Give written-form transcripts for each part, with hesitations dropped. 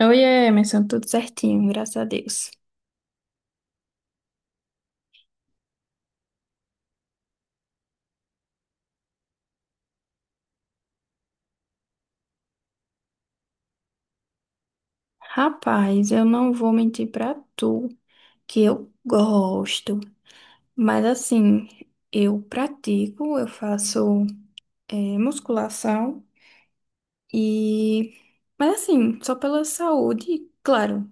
Oi, Emerson, tudo certinho, graças a Deus. Rapaz, eu não vou mentir pra tu que eu gosto, mas assim, eu pratico, eu faço musculação e. Mas assim, só pela saúde, claro,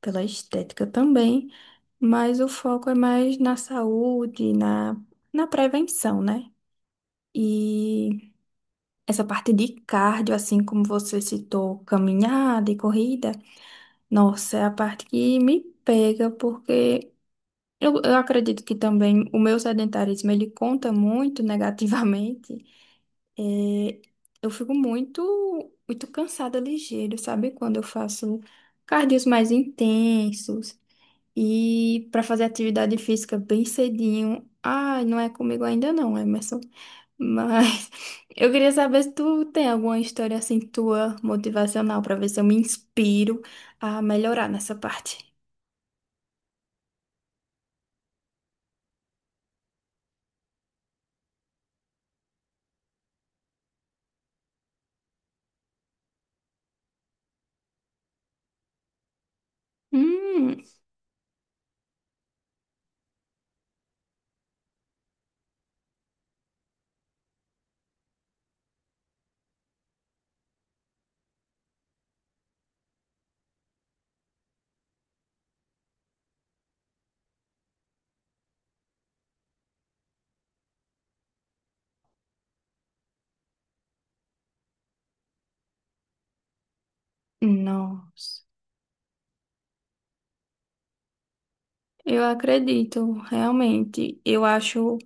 pela estética também, mas o foco é mais na saúde, na prevenção, né? E essa parte de cardio, assim como você citou, caminhada e corrida. Nossa, é a parte que me pega, porque eu acredito que também o meu sedentarismo, ele conta muito negativamente. É, eu fico muito, muito cansada ligeiro, sabe? Quando eu faço cardios mais intensos e para fazer atividade física bem cedinho. Ai, não é comigo ainda não, Emerson. Mas eu queria saber se tu tem alguma história assim tua motivacional pra ver se eu me inspiro a melhorar nessa parte. Hum, nossa. Eu acredito, realmente. Eu acho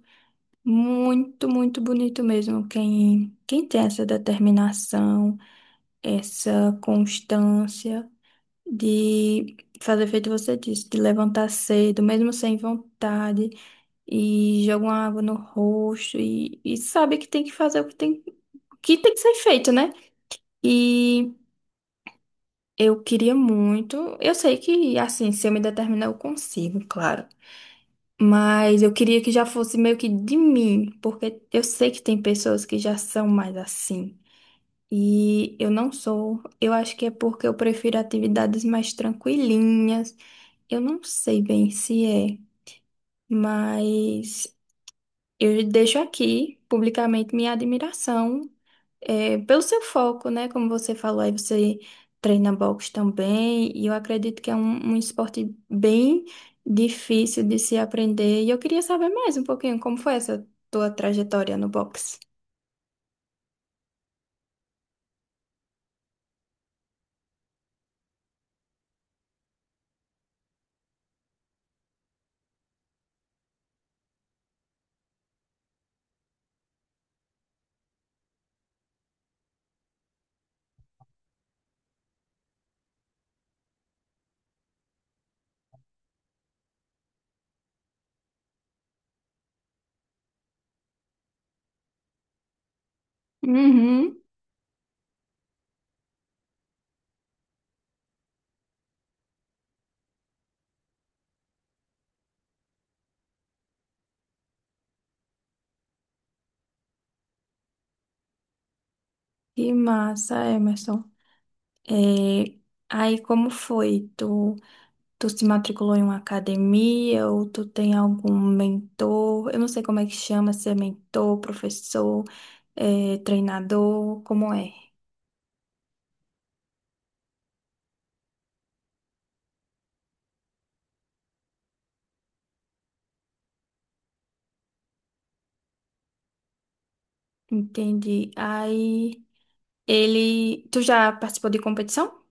muito, muito bonito mesmo quem tem essa determinação, essa constância de fazer feito você disse, de levantar cedo, mesmo sem vontade, e jogam água no rosto e sabe que tem que fazer o que tem que ser feito, né? E eu queria muito, eu sei que assim, se eu me determinar, eu consigo, claro. Mas eu queria que já fosse meio que de mim, porque eu sei que tem pessoas que já são mais assim. E eu não sou. Eu acho que é porque eu prefiro atividades mais tranquilinhas. Eu não sei bem se é, mas eu deixo aqui publicamente minha admiração pelo seu foco, né? Como você falou, aí você treina boxe também, e eu acredito que é um esporte bem difícil de se aprender. E eu queria saber mais um pouquinho como foi essa tua trajetória no boxe. Uhum. Que massa, Emerson. Eh, Aí como foi? Tu se matriculou em uma academia ou tu tem algum mentor? Eu não sei como é que chama, se é mentor, professor. É, treinador, como é? Entendi. Aí ele. Tu já participou de competição?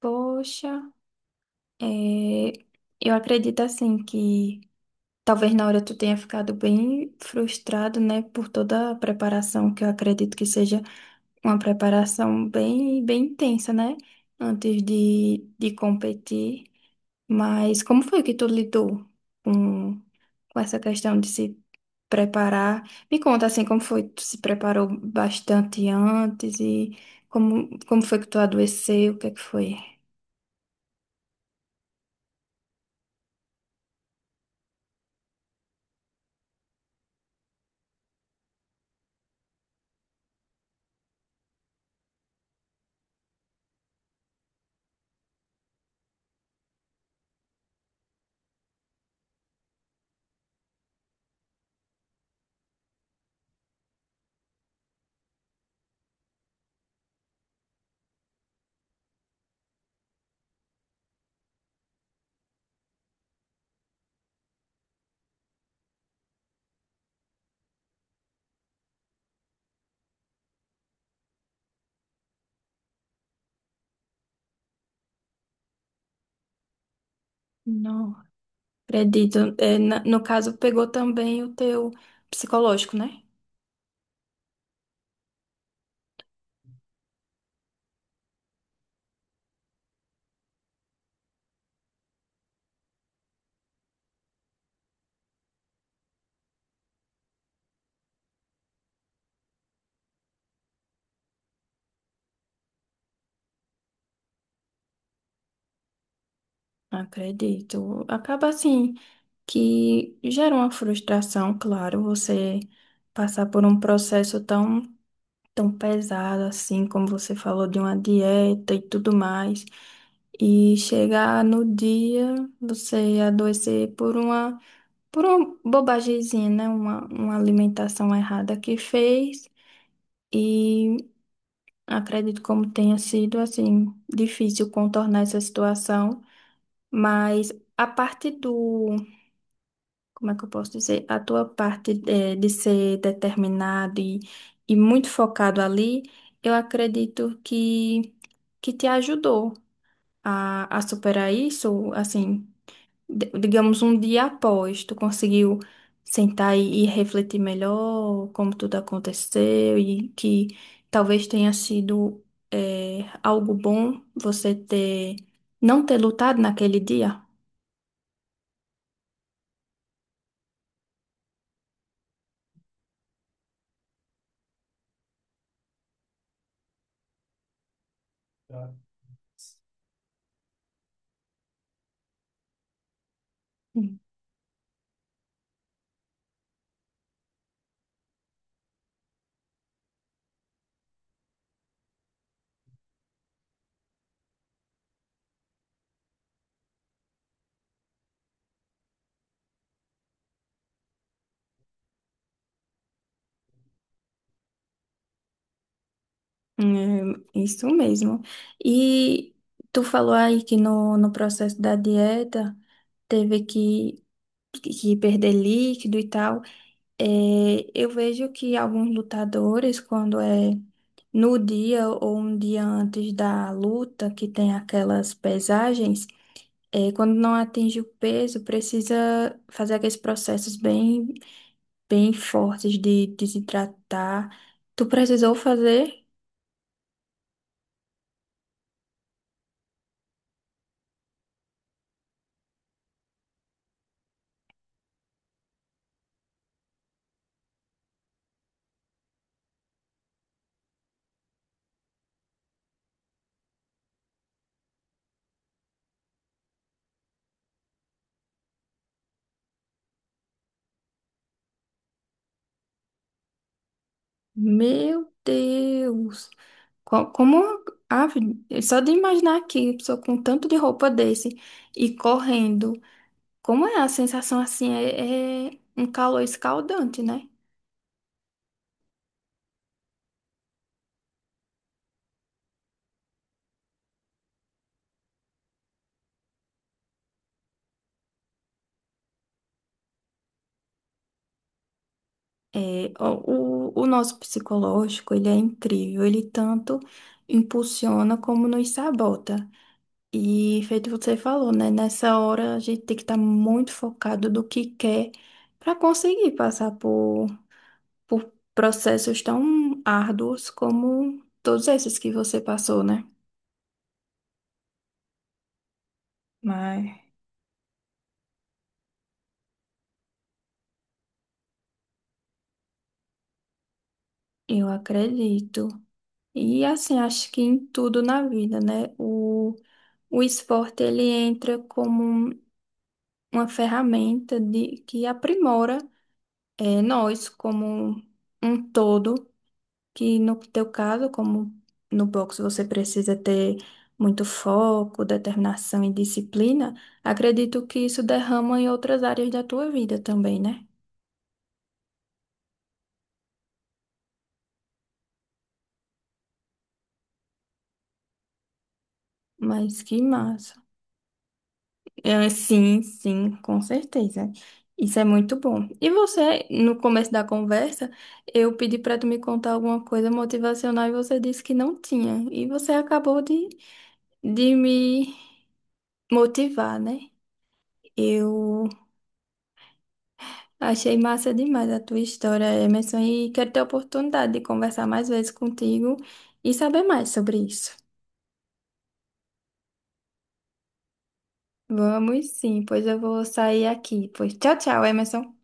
Poxa, é, eu acredito assim que talvez na hora tu tenha ficado bem frustrado, né, por toda a preparação, que eu acredito que seja uma preparação bem, bem intensa, né? Antes de competir. Mas como foi que tu lidou com, com essa questão de se preparar? Me conta assim, como foi que tu se preparou bastante antes e como, como foi que tu adoeceu? O que é que foi? Não, acredito. É, no caso, pegou também o teu psicológico, né? Acredito. Acaba assim que gera uma frustração, claro, você passar por um processo tão, tão pesado assim, como você falou, de uma dieta e tudo mais, e chegar no dia você adoecer por uma bobagemzinha, né? Uma alimentação errada que fez, e acredito como tenha sido, assim, difícil contornar essa situação, mas a parte do como é que eu posso dizer? A tua parte de ser determinado e muito focado ali, eu acredito que te ajudou a superar isso, assim, digamos, um dia após, tu conseguiu sentar e refletir melhor como tudo aconteceu e que talvez tenha sido algo bom você ter, não ter lutado naquele dia. É, isso mesmo. E tu falou aí que no, no processo da dieta teve que perder líquido e tal. É, eu vejo que alguns lutadores, quando é no dia ou um dia antes da luta, que tem aquelas pesagens, é, quando não atinge o peso, precisa fazer aqueles processos bem, bem fortes de desidratar. Tu precisou fazer? Meu Deus! Como, ave, só de imaginar aqui, a pessoa com tanto de roupa desse e correndo, como é a sensação assim? É, é um calor escaldante, né? É, o nosso psicológico, ele é incrível, ele tanto impulsiona como nos sabota. E feito você falou, né? Nessa hora a gente tem que estar muito focado do que quer para conseguir passar por processos tão árduos como todos esses que você passou, né? Mas, eu acredito. E assim, acho que em tudo na vida, né? O esporte ele entra como um- uma ferramenta de, que aprimora nós como um todo que no teu caso, como no boxe você precisa ter muito foco, determinação e disciplina, acredito que isso derrama em outras áreas da tua vida também, né? Mas que massa. É, sim, sim, com certeza. Isso é muito bom. E você, no começo da conversa, eu pedi para tu me contar alguma coisa motivacional e você disse que não tinha. E você acabou de me motivar, né? Eu achei massa demais a tua história, Emerson, e quero ter a oportunidade de conversar mais vezes contigo e saber mais sobre isso. Vamos sim, pois eu vou sair aqui. Pois tchau, tchau, Emerson.